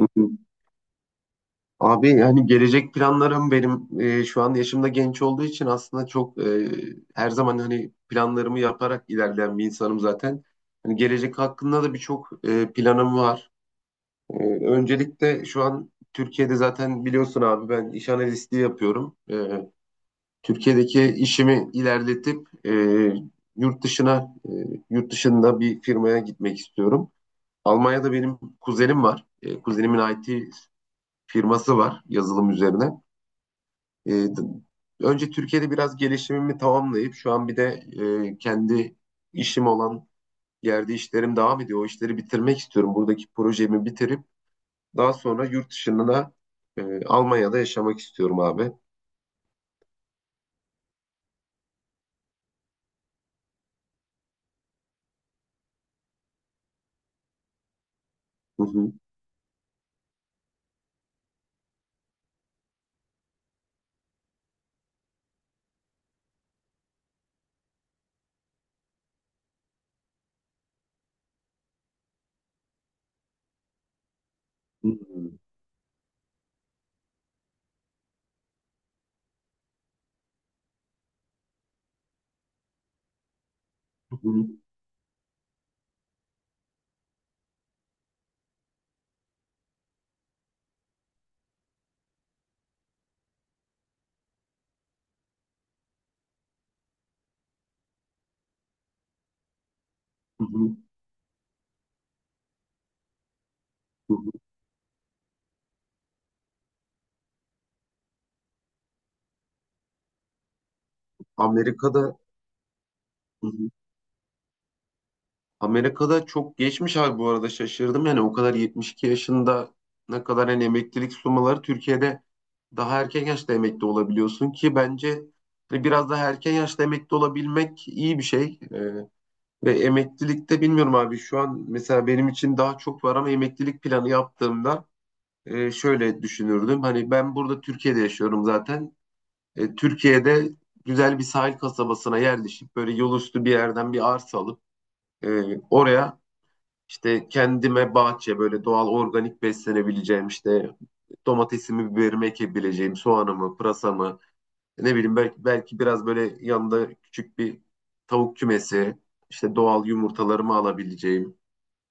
Hı hı. Abi yani gelecek planlarım benim şu an yaşımda genç olduğu için aslında her zaman hani planlarımı yaparak ilerleyen bir insanım zaten. Hani gelecek hakkında da birçok planım var. E, Öncelikle şu an Türkiye'de zaten biliyorsun abi ben iş analistliği yapıyorum. Türkiye'deki işimi ilerletip yurt dışına e, yurt dışında bir firmaya gitmek istiyorum. Almanya'da benim kuzenim var. Kuzenimin IT firması var yazılım üzerine. E, Önce Türkiye'de biraz gelişimimi tamamlayıp şu an bir de kendi işim olan yerde işlerim devam ediyor. O işleri bitirmek istiyorum. Buradaki projemi bitirip daha sonra Almanya'da yaşamak istiyorum abi. Hı hı. Hı hı. Hı hı. Hı hı. Hı hı. Amerika'da Amerika'da çok geçmiş abi bu arada şaşırdım. Yani o kadar 72 yaşında ne kadar hani emeklilik sumaları Türkiye'de daha erken yaşta emekli olabiliyorsun ki bence hani biraz daha erken yaşta emekli olabilmek iyi bir şey. Ve emeklilikte bilmiyorum abi şu an mesela benim için daha çok var ama emeklilik planı yaptığımda şöyle düşünürdüm. Hani ben burada Türkiye'de yaşıyorum zaten. Türkiye'de güzel bir sahil kasabasına yerleşip böyle yolüstü bir yerden bir arsa alıp e, oraya işte kendime bahçe böyle doğal organik beslenebileceğim, işte domatesimi, biberimi ekebileceğim, soğanımı, pırasamı, ne bileyim belki, belki biraz böyle yanında küçük bir tavuk kümesi, işte doğal yumurtalarımı alabileceğim,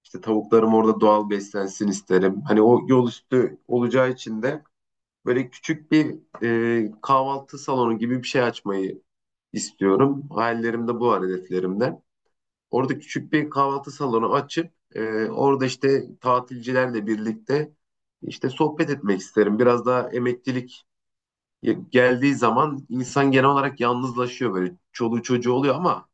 işte tavuklarım orada doğal beslensin isterim. Hani o yol üstü olacağı için de böyle küçük bir kahvaltı salonu gibi bir şey açmayı istiyorum. Hayallerim de bu var hedeflerimde. Orada küçük bir kahvaltı salonu açıp orada işte tatilcilerle birlikte işte sohbet etmek isterim. Biraz daha emeklilik geldiği zaman insan genel olarak yalnızlaşıyor böyle. Çoluğu çocuğu oluyor ama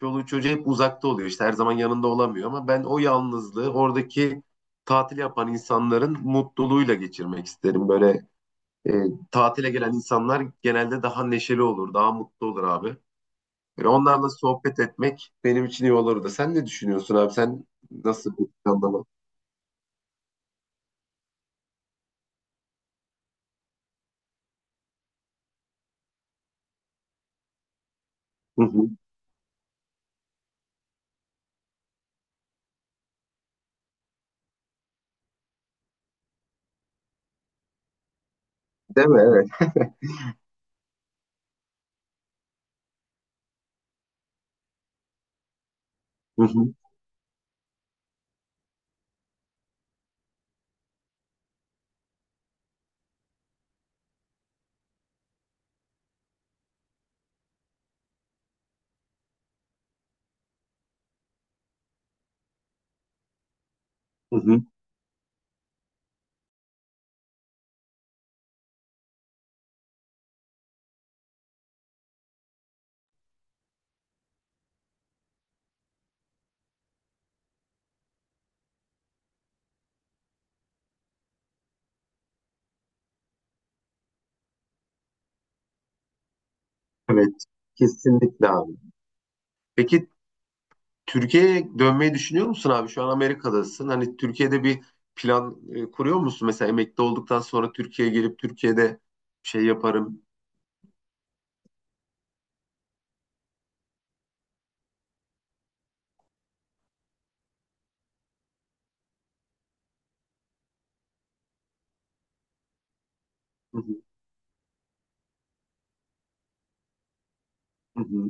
çoluğu çocuğu hep uzakta oluyor. İşte her zaman yanında olamıyor ama ben o yalnızlığı oradaki tatil yapan insanların mutluluğuyla geçirmek isterim. E, Tatile gelen insanlar genelde daha neşeli olur, daha mutlu olur abi. Böyle onlarla sohbet etmek benim için iyi olurdu. Sen ne düşünüyorsun abi? Sen nasıl bir planlama? Hı hı. Değil mi? Evet. Hı hı. Hı hı. Evet. Kesinlikle abi. Peki, Türkiye'ye dönmeyi düşünüyor musun abi? Şu an Amerika'dasın. Hani Türkiye'de bir plan kuruyor musun? Mesela emekli olduktan sonra Türkiye'ye gelip Türkiye'de şey yaparım. Hı hı. Hı hı.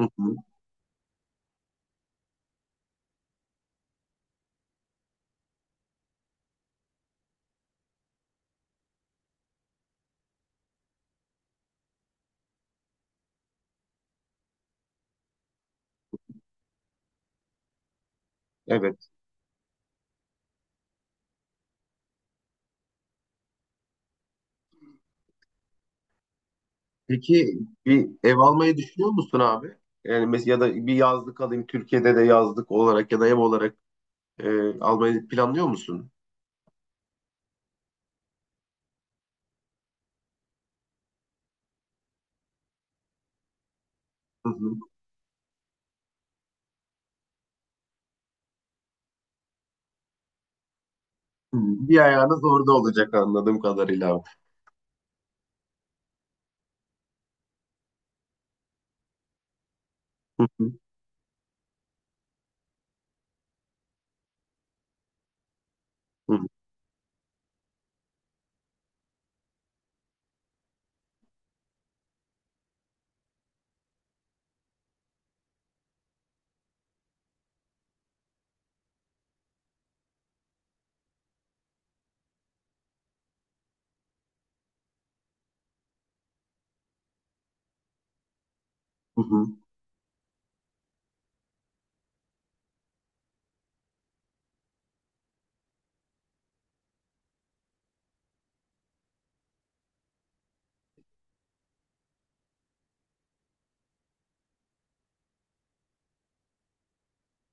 Hı hı. Evet. Peki, bir ev almayı düşünüyor musun abi? Yani mesela ya da bir yazlık alayım Türkiye'de de yazlık olarak ya da ev olarak. Almayı planlıyor musun? Hı hı. Hı. Bir ayağınız orada olacak anladığım kadarıyla abi. Hı hı. Hı hı. Hı hı.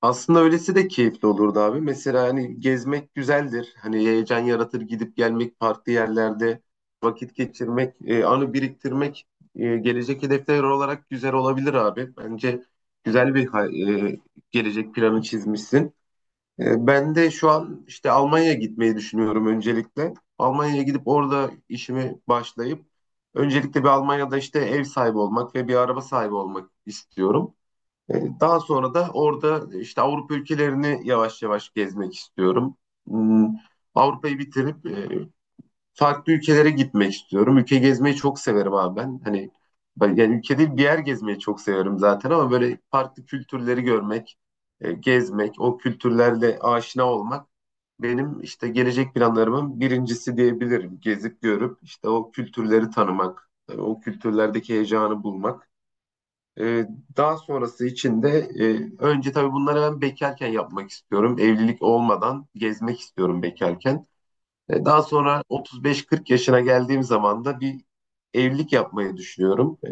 Aslında öylesi de keyifli olurdu abi. Mesela hani gezmek güzeldir. Hani heyecan yaratır gidip gelmek farklı yerlerde vakit geçirmek, anı biriktirmek, gelecek hedefler olarak güzel olabilir abi. Bence güzel bir e, gelecek planı çizmişsin. Ben de şu an işte Almanya'ya gitmeyi düşünüyorum öncelikle. Almanya'ya gidip orada işimi başlayıp öncelikle bir Almanya'da işte ev sahibi olmak ve bir araba sahibi olmak istiyorum. E, Daha sonra da orada işte Avrupa ülkelerini yavaş yavaş gezmek istiyorum. Hmm, Avrupa'yı bitirip farklı ülkelere gitmek istiyorum. Ülke gezmeyi çok severim abi ben. Hani yani ülke değil bir yer gezmeyi çok severim zaten ama böyle farklı kültürleri görmek, gezmek, o kültürlerle aşina olmak benim işte gelecek planlarımın birincisi diyebilirim. Gezip görüp işte o kültürleri tanımak, o kültürlerdeki heyecanı bulmak. E, Daha sonrası için de önce tabii bunları ben bekarken yapmak istiyorum. Evlilik olmadan gezmek istiyorum bekarken. Daha sonra 35-40 yaşına geldiğim zaman da bir evlilik yapmayı düşünüyorum.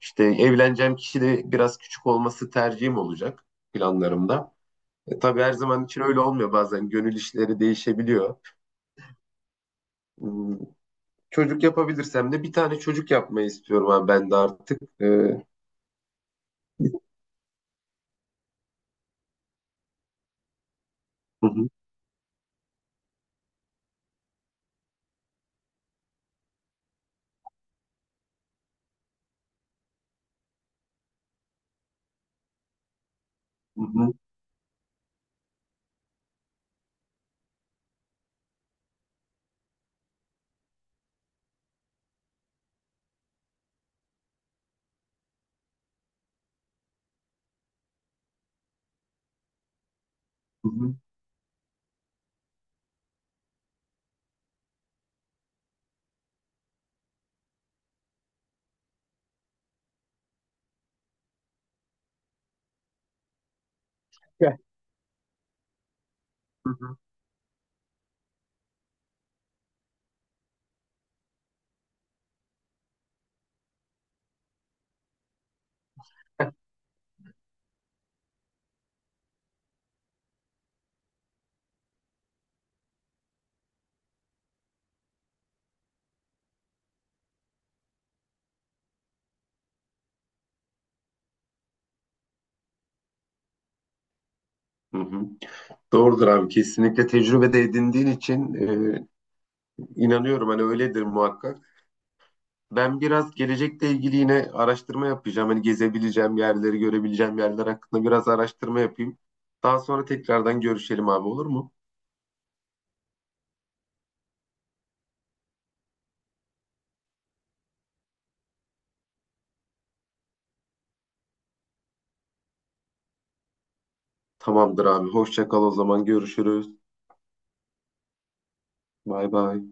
İşte evleneceğim kişi de biraz küçük olması tercihim olacak planlarımda. Tabii her zaman için öyle olmuyor. Bazen gönül işleri değişebiliyor. Hmm, Çocuk yapabilirsem de bir tane çocuk yapmayı istiyorum abi ben de artık. Hı, hı hı, hı hı, Ya, hı hı. Hı hı. Doğrudur abi, kesinlikle tecrübe de edindiğin için inanıyorum hani öyledir muhakkak. Ben biraz gelecekle ilgili yine araştırma yapacağım. Hani gezebileceğim yerleri, görebileceğim yerler hakkında biraz araştırma yapayım. Daha sonra tekrardan görüşelim abi, olur mu? Tamamdır abi. Hoşça kal o zaman. Görüşürüz. Bay bay.